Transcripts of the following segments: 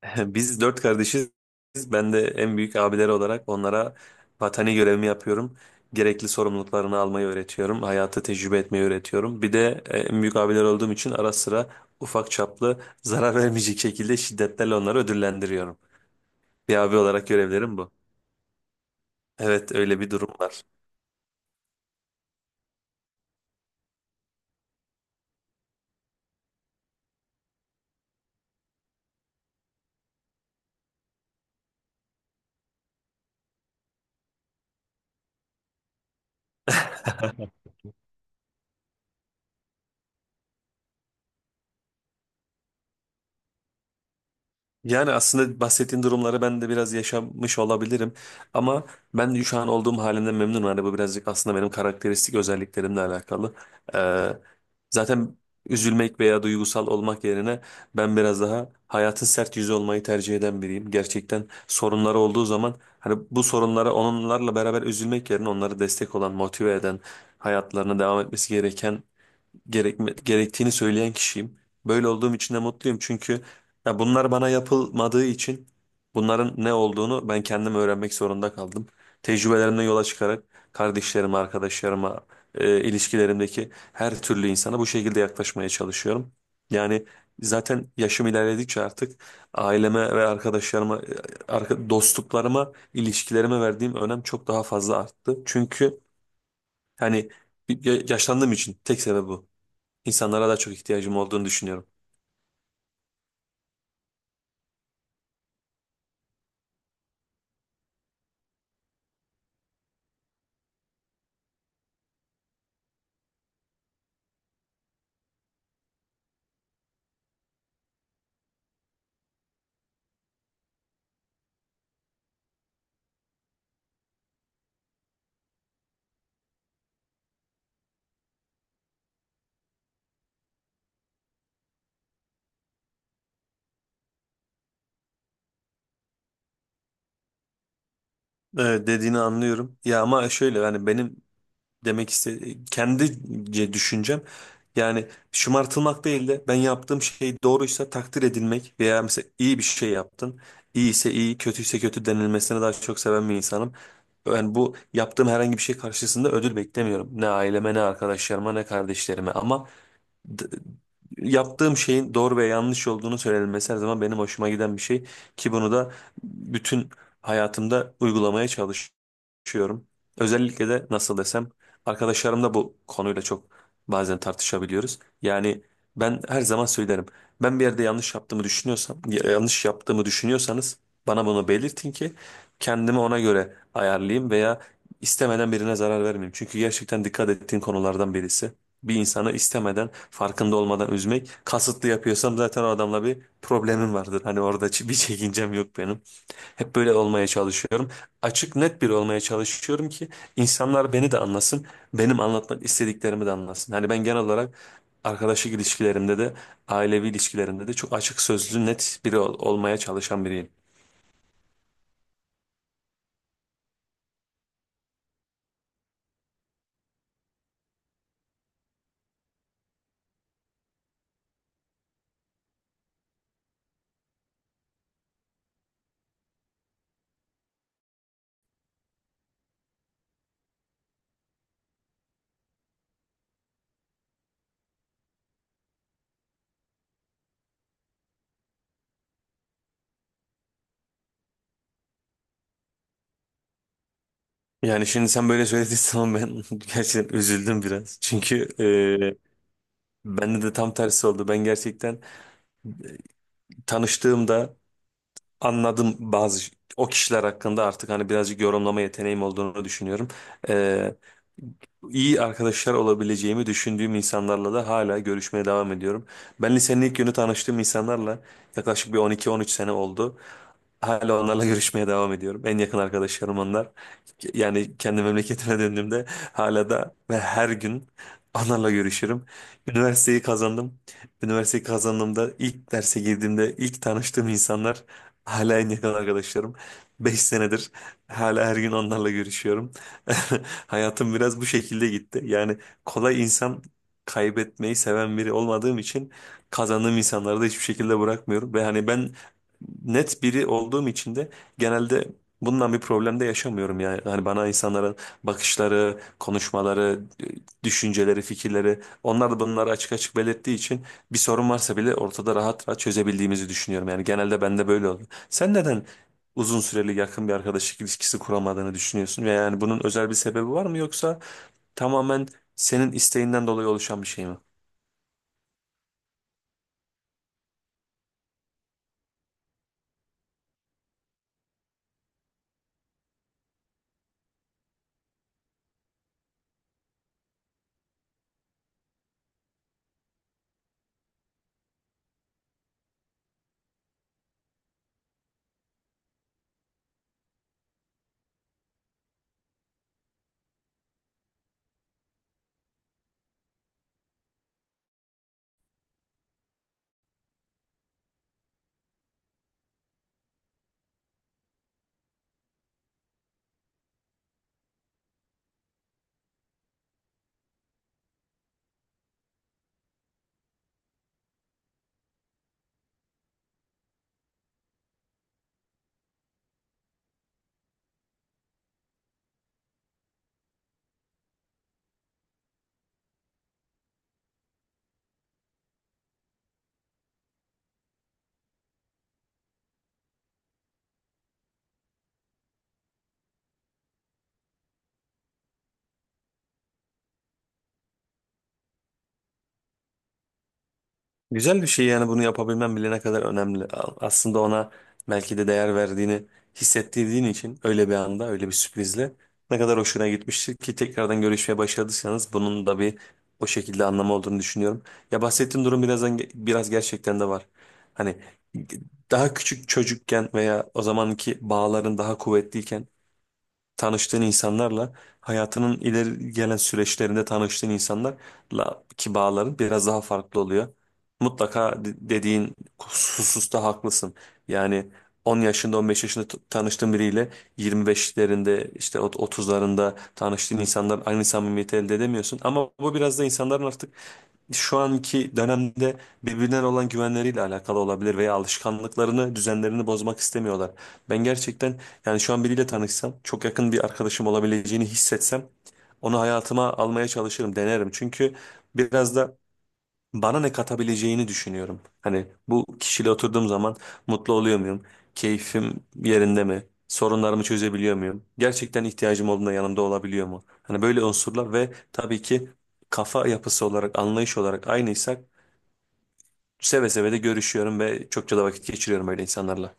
Biz dört kardeşiz. Ben de en büyük abileri olarak onlara vatani görevimi yapıyorum. Gerekli sorumluluklarını almayı öğretiyorum. Hayatı tecrübe etmeyi öğretiyorum. Bir de en büyük abiler olduğum için ara sıra ufak çaplı zarar vermeyecek şekilde şiddetlerle onları ödüllendiriyorum. Bir abi olarak görevlerim bu. Evet, öyle bir durum var. Yani aslında bahsettiğin durumları ben de biraz yaşamış olabilirim. Ama ben şu an olduğum halimden memnunum. Hani bu birazcık aslında benim karakteristik özelliklerimle alakalı. Ee, Zaten üzülmek veya duygusal olmak yerine ben biraz daha hayatın sert yüzü olmayı tercih eden biriyim. Gerçekten sorunları olduğu zaman hani bu sorunlara onlarla beraber üzülmek yerine onları destek olan, motive eden, hayatlarına devam etmesi gereken gerektiğini söyleyen kişiyim. Böyle olduğum için de mutluyum, çünkü ya bunlar bana yapılmadığı için bunların ne olduğunu ben kendim öğrenmek zorunda kaldım. Tecrübelerimden yola çıkarak kardeşlerime, arkadaşlarıma, ilişkilerimdeki her türlü insana bu şekilde yaklaşmaya çalışıyorum. Yani zaten yaşım ilerledikçe artık aileme ve arkadaşlarıma, dostluklarıma, ilişkilerime verdiğim önem çok daha fazla arttı. Çünkü hani yaşlandığım için tek sebebi bu. İnsanlara daha çok ihtiyacım olduğunu düşünüyorum. Evet, dediğini anlıyorum. Ya ama şöyle, yani benim demek istediğim kendice düşüncem, yani şımartılmak değil de ben yaptığım şey doğruysa takdir edilmek veya mesela iyi bir şey yaptın, iyi ise iyi, kötüyse kötü denilmesini daha çok seven bir insanım. Yani bu yaptığım herhangi bir şey karşısında ödül beklemiyorum. Ne aileme, ne arkadaşlarıma, ne kardeşlerime, ama d- yaptığım şeyin doğru ve yanlış olduğunu söylenmesi her zaman benim hoşuma giden bir şey, ki bunu da bütün hayatımda uygulamaya çalışıyorum. Özellikle de nasıl desem, arkadaşlarımla bu konuyla çok bazen tartışabiliyoruz. Yani ben her zaman söylerim. Ben bir yerde yanlış yaptığımı düşünüyorsam, yanlış yaptığımı düşünüyorsanız bana bunu belirtin ki kendimi ona göre ayarlayayım veya istemeden birine zarar vermeyeyim. Çünkü gerçekten dikkat ettiğim konulardan birisi bir insana istemeden farkında olmadan üzmek, kasıtlı yapıyorsam zaten o adamla bir problemim vardır. Hani orada bir çekincem yok benim. Hep böyle olmaya çalışıyorum. Açık net biri olmaya çalışıyorum ki insanlar beni de anlasın. Benim anlatmak istediklerimi de anlasın. Hani ben genel olarak arkadaşlık ilişkilerimde de ailevi ilişkilerimde de çok açık sözlü net biri olmaya çalışan biriyim. Yani şimdi sen böyle söylediğin zaman ben gerçekten üzüldüm biraz. Çünkü bende de tam tersi oldu. Ben gerçekten tanıştığımda anladım bazı o kişiler hakkında, artık hani birazcık yorumlama yeteneğim olduğunu düşünüyorum, iyi arkadaşlar olabileceğimi düşündüğüm insanlarla da hala görüşmeye devam ediyorum. Ben lisenin ilk günü tanıştığım insanlarla yaklaşık bir 12-13 sene oldu. Hala onlarla görüşmeye devam ediyorum. En yakın arkadaşlarım onlar. Yani kendi memleketime döndüğümde hala da ve her gün onlarla görüşürüm. Üniversiteyi kazandım. Üniversiteyi kazandığımda ilk derse girdiğimde ilk tanıştığım insanlar hala en yakın arkadaşlarım. 5 senedir hala her gün onlarla görüşüyorum. Hayatım biraz bu şekilde gitti. Yani kolay insan kaybetmeyi seven biri olmadığım için kazandığım insanları da hiçbir şekilde bırakmıyorum. Ve hani ben net biri olduğum için de genelde bundan bir problem de yaşamıyorum yani. Hani bana insanların bakışları, konuşmaları, düşünceleri, fikirleri, onlar da bunları açık açık belirttiği için bir sorun varsa bile ortada rahat rahat çözebildiğimizi düşünüyorum. Yani genelde bende böyle oldu. Sen neden uzun süreli yakın bir arkadaşlık ilişkisi kuramadığını düşünüyorsun? Ve yani bunun özel bir sebebi var mı, yoksa tamamen senin isteğinden dolayı oluşan bir şey mi? Güzel bir şey, yani bunu yapabilmen bile ne kadar önemli. Aslında ona belki de değer verdiğini hissettirdiğin için, öyle bir anda öyle bir sürprizle ne kadar hoşuna gitmiştir ki tekrardan görüşmeye başladıysanız, bunun da bir o şekilde anlamı olduğunu düşünüyorum. Ya bahsettiğim durum birazdan biraz gerçekten de var. Hani daha küçük çocukken veya o zamanki bağların daha kuvvetliyken tanıştığın insanlarla hayatının ileri gelen süreçlerinde tanıştığın insanlarla ki bağların biraz daha farklı oluyor. Mutlaka dediğin hususta haklısın. Yani 10 yaşında 15 yaşında tanıştığın biriyle 25'lerinde işte 30'larında tanıştığın insanlar aynı samimiyeti elde edemiyorsun. Ama bu biraz da insanların artık şu anki dönemde birbirlerine olan güvenleriyle alakalı olabilir veya alışkanlıklarını, düzenlerini bozmak istemiyorlar. Ben gerçekten yani şu an biriyle tanışsam, çok yakın bir arkadaşım olabileceğini hissetsem onu hayatıma almaya çalışırım, denerim. Çünkü biraz da bana ne katabileceğini düşünüyorum. Hani bu kişiyle oturduğum zaman mutlu oluyor muyum? Keyfim yerinde mi? Sorunlarımı çözebiliyor muyum? Gerçekten ihtiyacım olduğunda yanımda olabiliyor mu? Hani böyle unsurlar ve tabii ki kafa yapısı olarak, anlayış olarak aynıysak seve seve de görüşüyorum ve çokça da vakit geçiriyorum öyle insanlarla.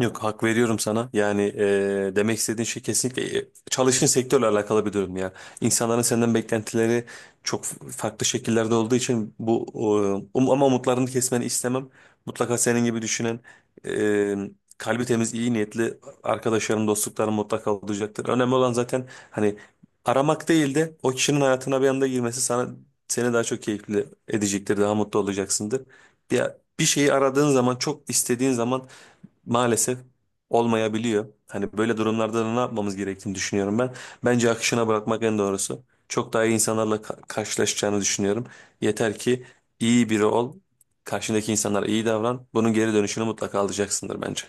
Yok, hak veriyorum sana. Yani demek istediğin şey kesinlikle çalıştığın sektörle alakalı bir durum ya. İnsanların senden beklentileri çok farklı şekillerde olduğu için bu ama umutlarını kesmeni istemem. Mutlaka senin gibi düşünen e, kalbi temiz, iyi niyetli arkadaşlarım, dostluklarım mutlaka olacaktır. Önemli olan zaten hani aramak değil de, o kişinin hayatına bir anda girmesi sana, seni daha çok keyifli edecektir, daha mutlu olacaksındır. Bir, Bir şeyi aradığın zaman, çok istediğin zaman maalesef olmayabiliyor. Hani böyle durumlarda da ne yapmamız gerektiğini düşünüyorum ben. Bence akışına bırakmak en doğrusu. Çok daha iyi insanlarla karşılaşacağını düşünüyorum. Yeter ki iyi biri ol. Karşındaki insanlara iyi davran. Bunun geri dönüşünü mutlaka alacaksındır bence.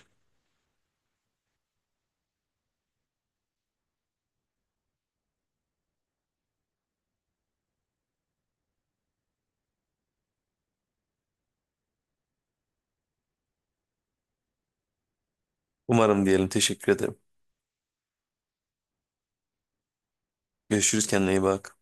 Umarım diyelim. Teşekkür ederim. Görüşürüz, kendine iyi bak.